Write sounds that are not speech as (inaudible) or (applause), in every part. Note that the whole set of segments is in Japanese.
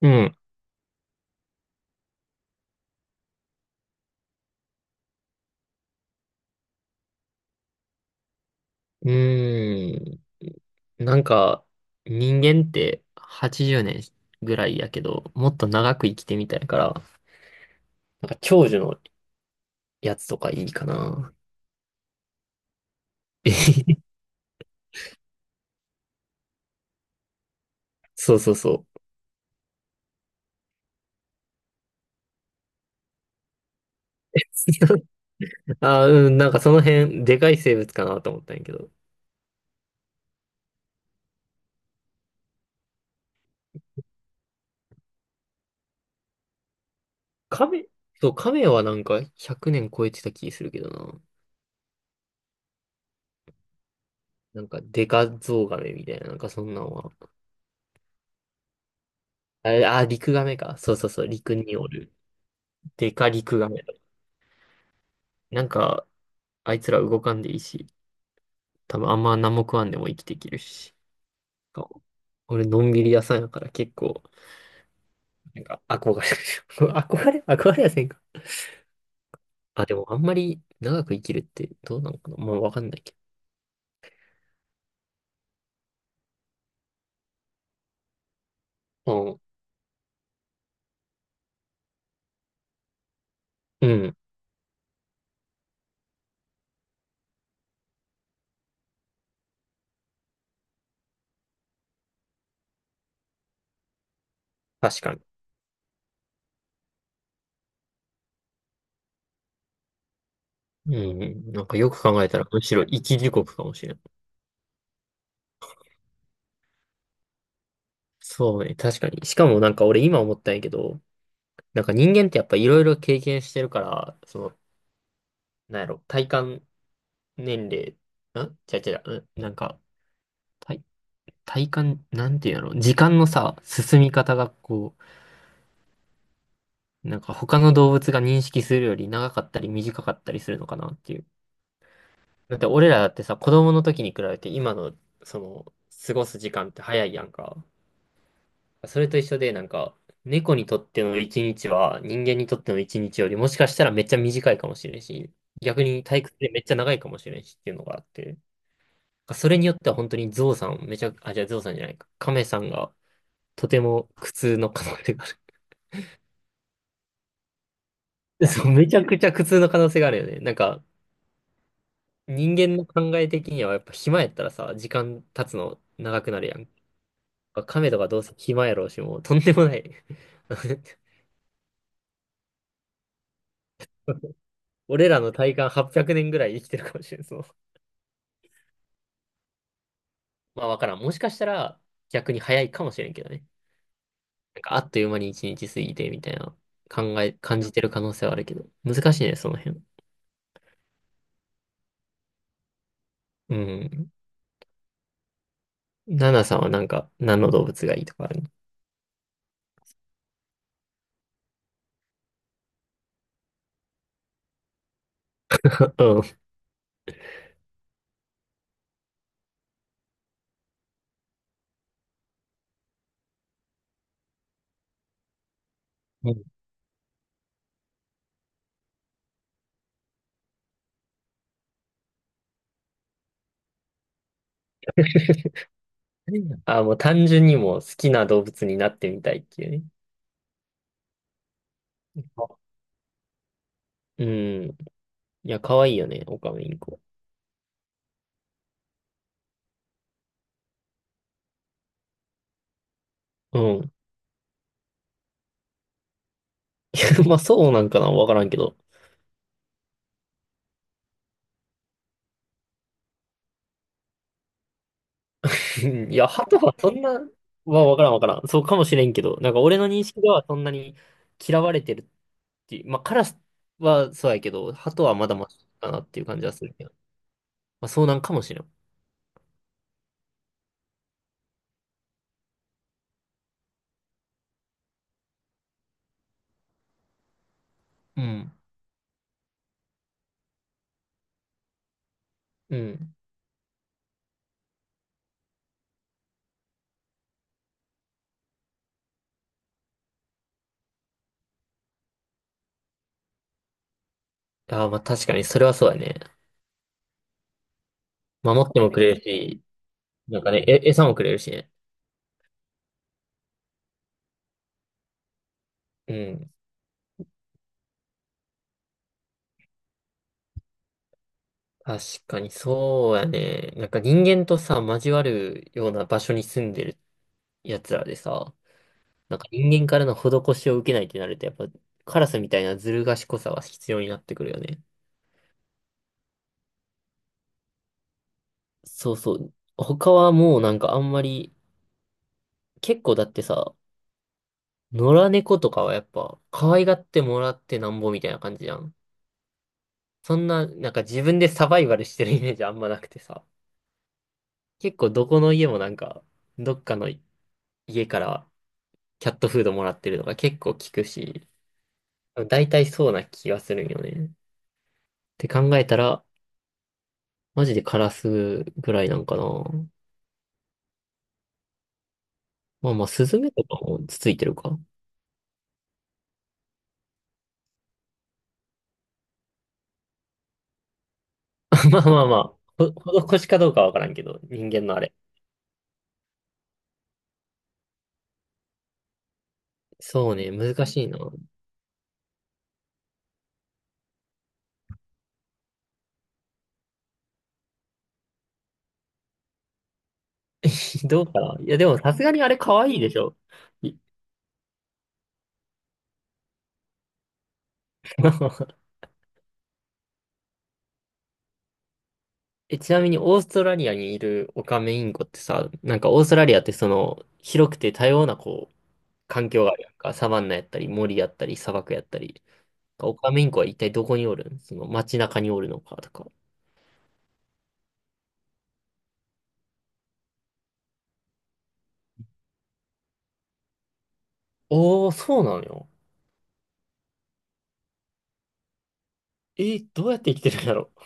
うん。うーん。なんか、人間って80年ぐらいやけど、もっと長く生きてみたいから、なんか長寿のやつとかいいかな。(laughs) そうそうそう。(laughs) あー、うん、なんかその辺、でかい生物かなと思ったんやけど。亀。そう、亀はなんか100年超えてた気するけどな。なんかデカゾウガメみたいな、なんかそんなんは。あれ、あー、リクガメか。そうそうそう、陸におる。デカリクガメ。なんか、あいつら動かんでいいし。多分あんま何も食わんでも生きていけるし。そう、俺、のんびり屋さんやから結構、なんか憧れる。(laughs) 憧れ憧れやせんか。あ、でもあんまり長く生きるってどうなのかな、まあわかんないけど。うん。うん。確かに。うんうん。なんかよく考えたら、むしろ生き地獄かもしれない。そうね、確かに。しかもなんか俺今思ったんやけど、なんか人間ってやっぱいろいろ経験してるから、その、なんやろ、体感年齢、んちゃうちゃう、うん、なんか、体体感、なんていうの、時間のさ、進み方がこう、なんか他の動物が認識するより長かったり短かったりするのかなっていう。だって俺らだってさ、子供の時に比べて今の、その、過ごす時間って早いやんか。それと一緒で、なんか、猫にとっての一日は人間にとっての一日よりもしかしたらめっちゃ短いかもしれんし、逆に退屈でめっちゃ長いかもしれんしっていうのがあって、それによっては本当にゾウさん、めちゃ、あ、じゃあゾウさんじゃないか、カメさんがとても苦痛の可能性がある。(laughs) そう、めちゃくちゃ苦痛の可能性があるよね。なんか、人間の考え的にはやっぱ暇やったらさ、時間経つの長くなるやん。亀とかどうせ暇やろうし、もうとんでもない。 (laughs) 俺らの体感800年ぐらい生きてるかもしれん、そう。まあわからん。もしかしたら逆に早いかもしれんけどね。なんかあっという間に1日過ぎてみたいな、考え、感じてる可能性はあるけど。難しいね、その辺。うん。ナナさんはなんか何の動物がいいとかあるの？ (laughs) うん。(laughs) あ、もう単純にもう好きな動物になってみたいっていうね。うん。いや、可愛いよね、オカメインコ。うん。(laughs) まあ、そうなんかな、わからんけど。(laughs) うん、いや、ハトはそんな、まあ、わからんわからん。そうかもしれんけど、なんか俺の認識ではそんなに嫌われてるっていう、まあ、カラスはそうやけど、ハトはまだマシかなっていう感じはするけど。まあ、そうなんかもしれん。うん。うん。ああ、まあ、確かに、それはそうやね。守ってもくれるし、なんかね、餌もくれるしね。うん。確かにそうやね。なんか人間とさ、交わるような場所に住んでる奴らでさ、なんか人間からの施しを受けないってなると、やっぱカラスみたいなずる賢さが必要になってくるよね。そうそう。他はもうなんかあんまり、結構だってさ、野良猫とかはやっぱ可愛がってもらってなんぼみたいな感じじゃん。そんな、なんか自分でサバイバルしてるイメージあんまなくてさ。結構どこの家もなんか、どっかの家からキャットフードもらってるのが結構効くし、大体そうな気がするんよね。って考えたら、マジでカラスぐらいなんかな。まあまあ、スズメとかもつついてるか。(laughs) まあまあまあ、施しかどうかわからんけど、人間のあれ。そうね、難しいな。(laughs) どうかな。いや、でもさすがにあれ可愛いでしょ。い (laughs) え、ちなみにオーストラリアにいるオカメインコってさ、なんかオーストラリアってその、広くて多様なこう、環境があるやんか。サバンナやったり、森やったり、砂漠やったり。オカメインコは一体どこにおるん、その街中におるのかとか？おー、そうなのよ。え、どうやって生きてるんだろう。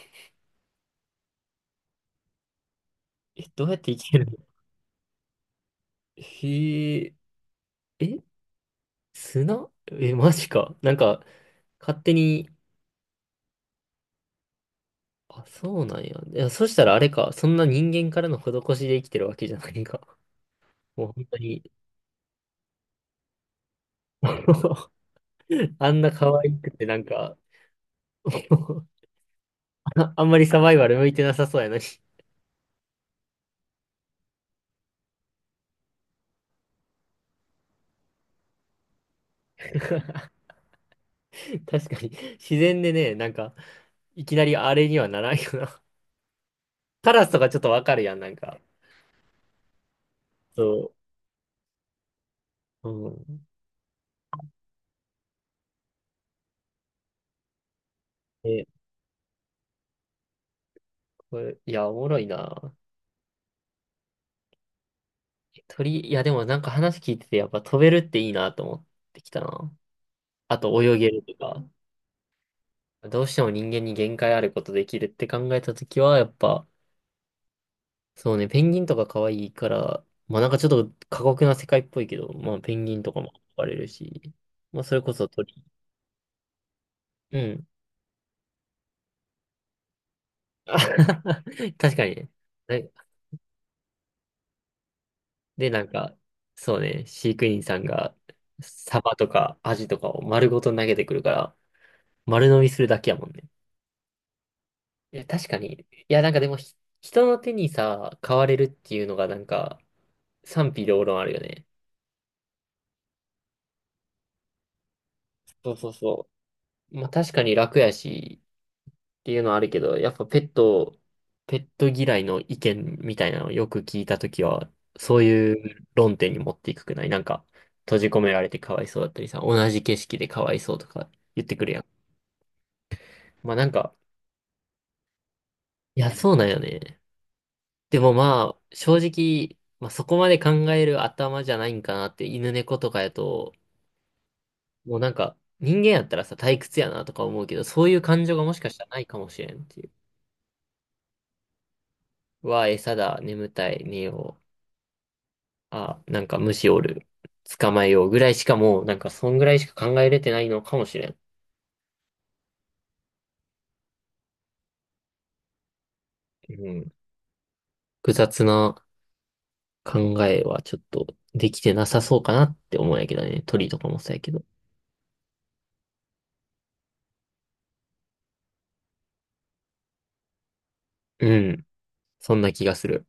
(laughs) え、どうやって生きてるの？へえ、え、砂、え、マジか。なんか、勝手に、あ、そうなんや。いや、そしたらあれか。そんな人間からの施しで生きてるわけじゃないか。(laughs) もう本当に、(laughs) あんな可愛くてなんか、(laughs) あ、あんまりサバイバル向いてなさそうやのに。(laughs) 確かに、自然でね、なんか、いきなりあれにはならんよな。カラスとかちょっとわかるやん、なんか。そう。うん、え、これ、いや、おもろいな。鳥、いや、でもなんか話聞いてて、やっぱ飛べるっていいなと思ってきたな。あと泳げるとか。どうしても人間に限界あることできるって考えたときは、やっぱ、そうね、ペンギンとか可愛いから、まあなんかちょっと過酷な世界っぽいけど、まあペンギンとかも憧れるし、まあそれこそ鳥。うん。(laughs) 確かにね。なで、なんか、そうね、飼育員さんが、サバとかアジとかを丸ごと投げてくるから、丸飲みするだけやもんね。いや、確かに。いや、なんかでも人の手にさ、買われるっていうのが、なんか、賛否両論あるよね。そうそうそう。まあ、確かに楽やし、っていうのはあるけど、やっぱペット嫌いの意見みたいなのをよく聞いたときは、そういう論点に持っていくくないなんか、閉じ込められてかわいそうだったりさ、同じ景色でかわいそうとか言ってくるやん。まあなんか、いや、そうなんよね。でもまあ、正直、まあそこまで考える頭じゃないんかなって、犬猫とかやと、もうなんか、人間やったらさ、退屈やなとか思うけど、そういう感情がもしかしたらないかもしれんっていう。うわ、餌だ、眠たい、寝よう。あ、なんか虫おる。捕まえようぐらいしかもう、なんかそんぐらいしか考えれてないのかもしれん。うん。複雑な考えはちょっとできてなさそうかなって思うんやけどね。鳥とかもそうやけど。うん。そんな気がする。